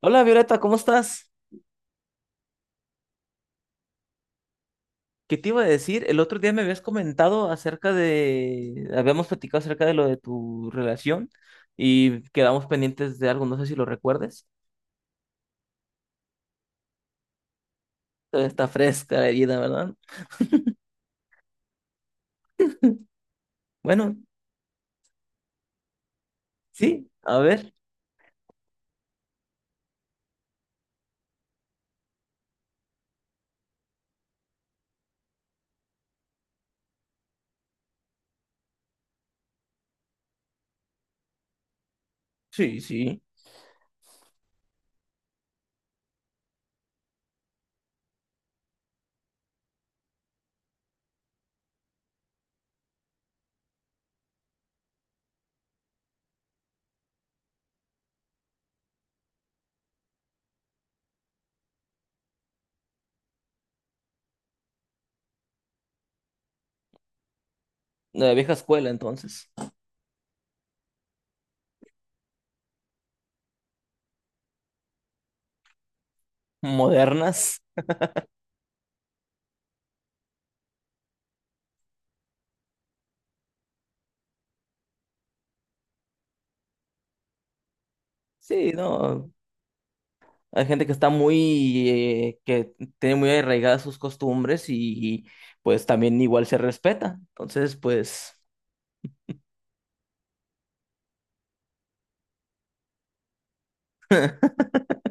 Hola Violeta, ¿cómo estás? ¿Qué te iba a decir? El otro día me habías comentado habíamos platicado acerca de lo de tu relación y quedamos pendientes de algo, no sé si lo recuerdes. Todavía está fresca la herida, ¿verdad? Bueno, sí, a ver, sí, sí, de la vieja escuela entonces. Modernas, sí, no. Hay gente que está muy, que tiene muy arraigadas sus costumbres y pues también igual se respeta. Entonces, pues...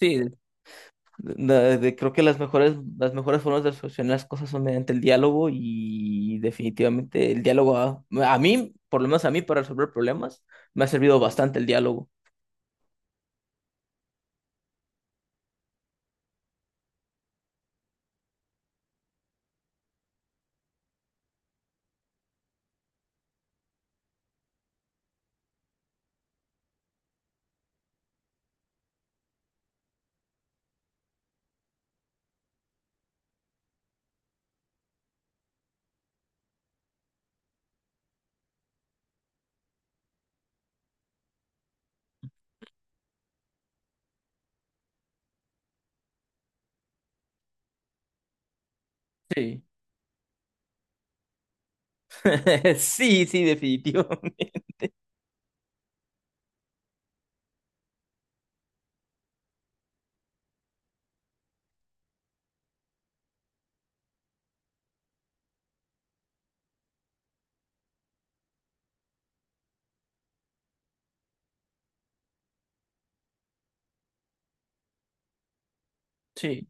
Sí, creo que las mejores formas de solucionar las cosas son mediante el diálogo y definitivamente por lo menos a mí, para resolver problemas, me ha servido bastante el diálogo. Sí, sí, sí, definitivo. Sí,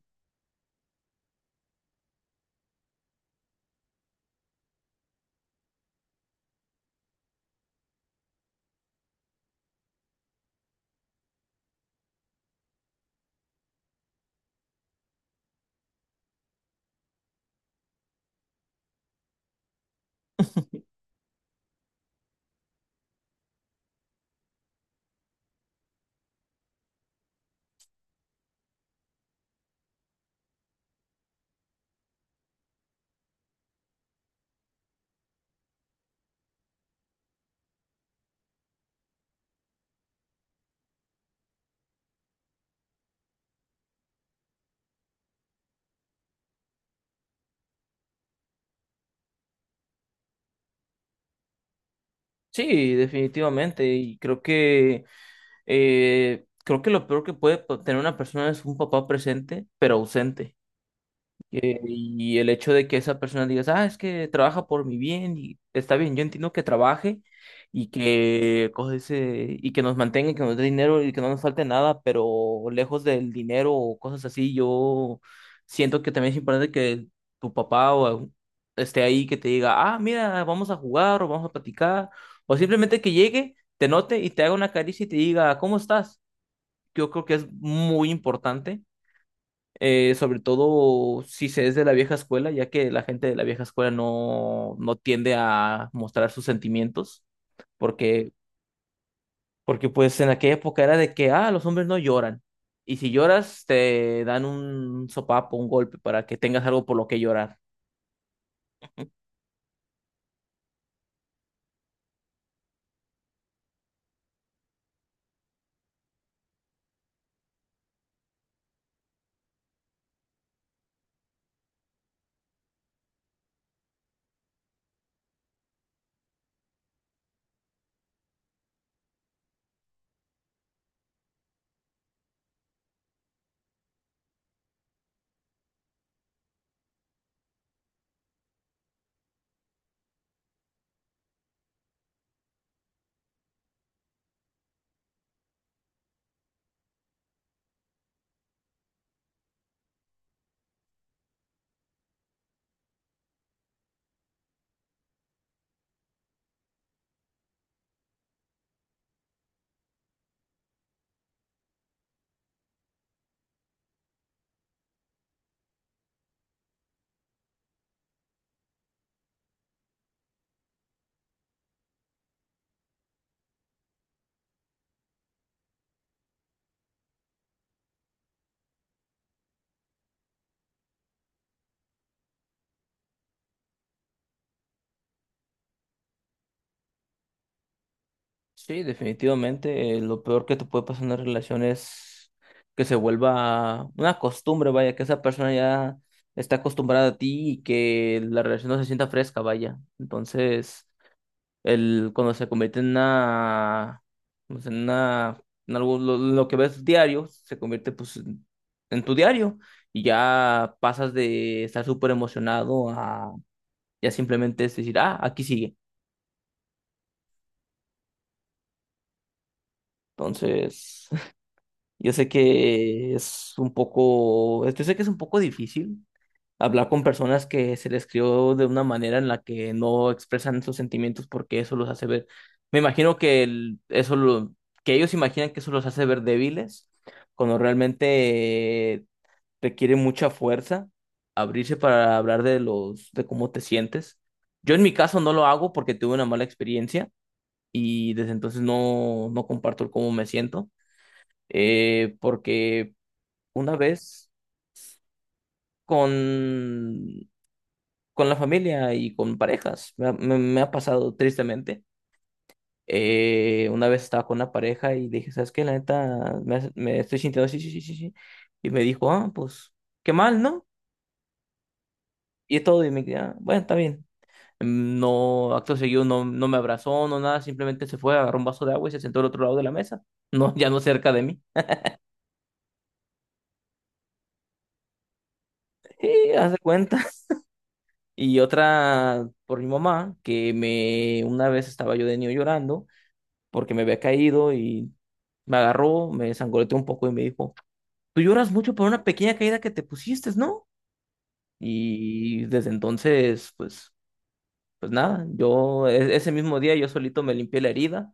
sí, definitivamente. Creo que lo peor que tener una persona es un papá presente, pero ausente. Y el hecho de que esa persona digas, ah, es que trabaja por mi bien y está bien, yo entiendo que trabaje y que nos mantenga, y que nos dé dinero y que no nos falte nada, pero lejos del dinero o cosas así, yo siento que también es importante que tu papá o algún- esté ahí, que te diga, ah, mira, vamos a jugar o vamos a platicar, o simplemente que llegue, te note y te haga una caricia y te diga, ¿cómo estás? Yo creo que es muy importante, sobre todo si se es de la vieja escuela, ya que la gente de la vieja escuela no tiende a mostrar sus sentimientos, porque, porque pues en aquella época era de que, ah, los hombres no lloran, y si lloras te dan un sopapo, un golpe para que tengas algo por lo que llorar. Sí, definitivamente, lo peor que te puede pasar en una relación es que se vuelva una costumbre, vaya, que esa persona ya está acostumbrada a ti y que la relación no se sienta fresca, vaya. Entonces... cuando se convierte en una, pues, en una, en algo, lo que ves diario, se convierte pues en tu diario y ya pasas de estar súper emocionado a ya simplemente es decir, ah, aquí sigue. Entonces, yo sé que es un poco difícil hablar con personas que se les crió de una manera en la que no expresan sus sentimientos porque eso los hace ver, me imagino que el- eso lo, que ellos imaginan que eso los hace ver débiles, cuando realmente requiere mucha fuerza abrirse para hablar de de cómo te sientes. Yo en mi caso no lo hago porque tuve una mala experiencia y desde entonces no comparto el cómo me siento, porque una vez con con la familia y con parejas. Me ha pasado tristemente. Una vez estaba con una pareja y dije, ¿sabes qué? La neta, me estoy sintiendo así, sí, sí, sí, sí. Y me dijo, ah, pues, qué mal, ¿no? Y todo, y me dije, "Ah, bueno, está bien. No, acto seguido, no me abrazó, no nada, simplemente se fue, agarró un vaso de agua y se sentó al otro lado de la mesa. No, ya no cerca de mí. Y haz de cuenta. Y otra por mi mamá, una vez estaba yo de niño llorando porque me había caído y me agarró, me zangoloteó un poco y me dijo, tú lloras mucho por una pequeña caída que te pusiste, ¿no? Y desde entonces, pues, pues nada, ese mismo día yo solito me limpié la herida.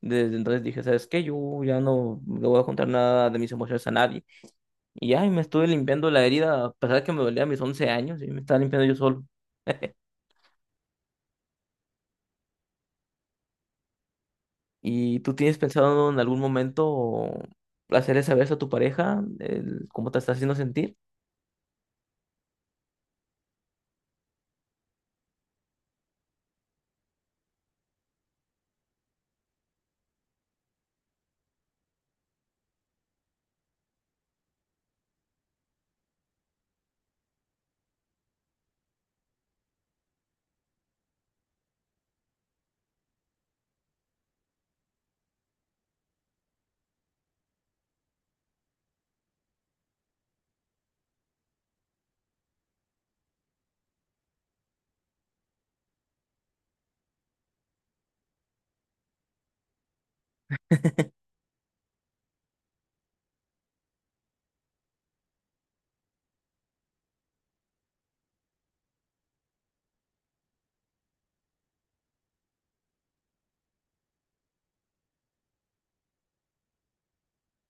Desde entonces dije, ¿sabes qué? Yo ya no le voy a contar nada de mis emociones a nadie. Y ya, y me estuve limpiando la herida, a pesar de que me dolía a mis 11 años, y me estaba limpiando yo solo. ¿Y tú tienes pensado en algún momento hacerle saber eso a tu pareja, cómo te está haciendo sentir?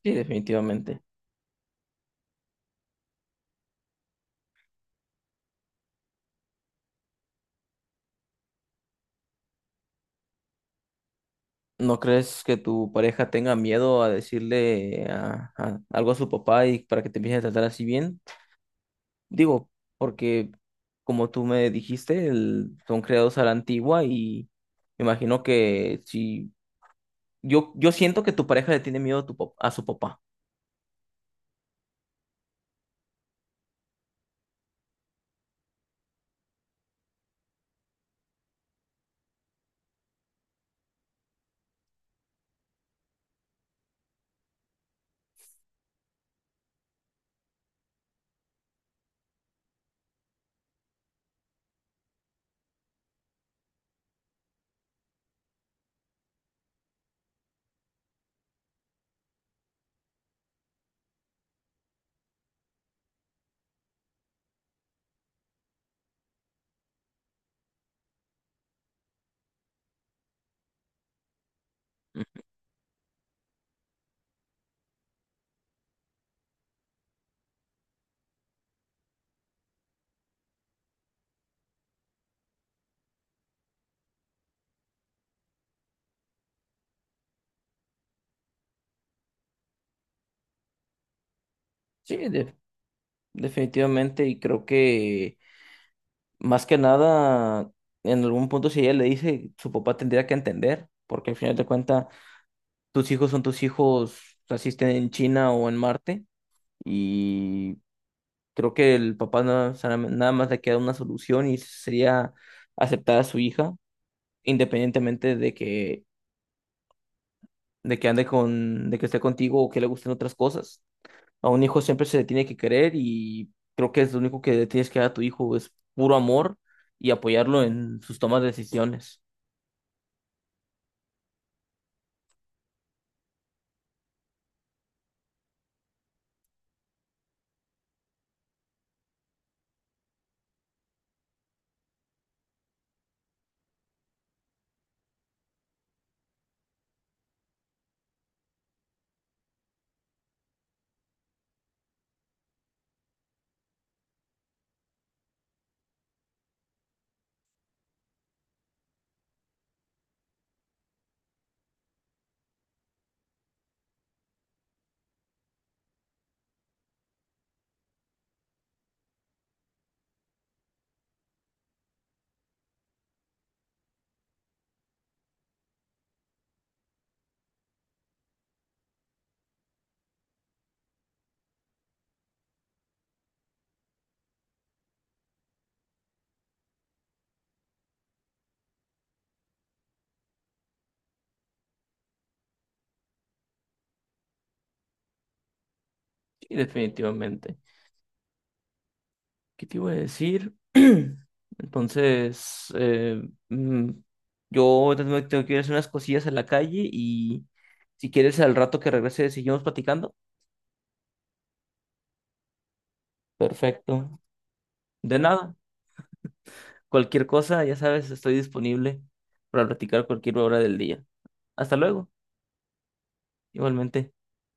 Sí, definitivamente. ¿No crees que tu pareja tenga miedo a decirle algo a su papá y para que te empiece a tratar así bien? Digo, porque como tú me dijiste, son creados a la antigua y me imagino que si yo, yo siento que tu pareja le tiene miedo a su papá. Sí, definitivamente y creo que más que nada, en algún punto si ella le dice, su papá tendría que entender, porque al final de cuentas tus hijos son tus hijos, así estén en China o en Marte. Y creo que el papá o sea, nada más le queda una solución y sería aceptar a su hija, independientemente de que, de que esté contigo o que le gusten otras cosas. A un hijo siempre se le tiene que querer y creo que es lo único que le tienes que dar a tu hijo, es puro amor y apoyarlo en sus tomas de decisiones. Sí, definitivamente. ¿Qué te iba a decir? Entonces, mm, yo tengo que ir a hacer unas cosillas a la calle y si quieres al rato que regrese seguimos platicando. Perfecto. De nada. Cualquier cosa, ya sabes, estoy disponible para platicar cualquier hora del día. Hasta luego. Igualmente.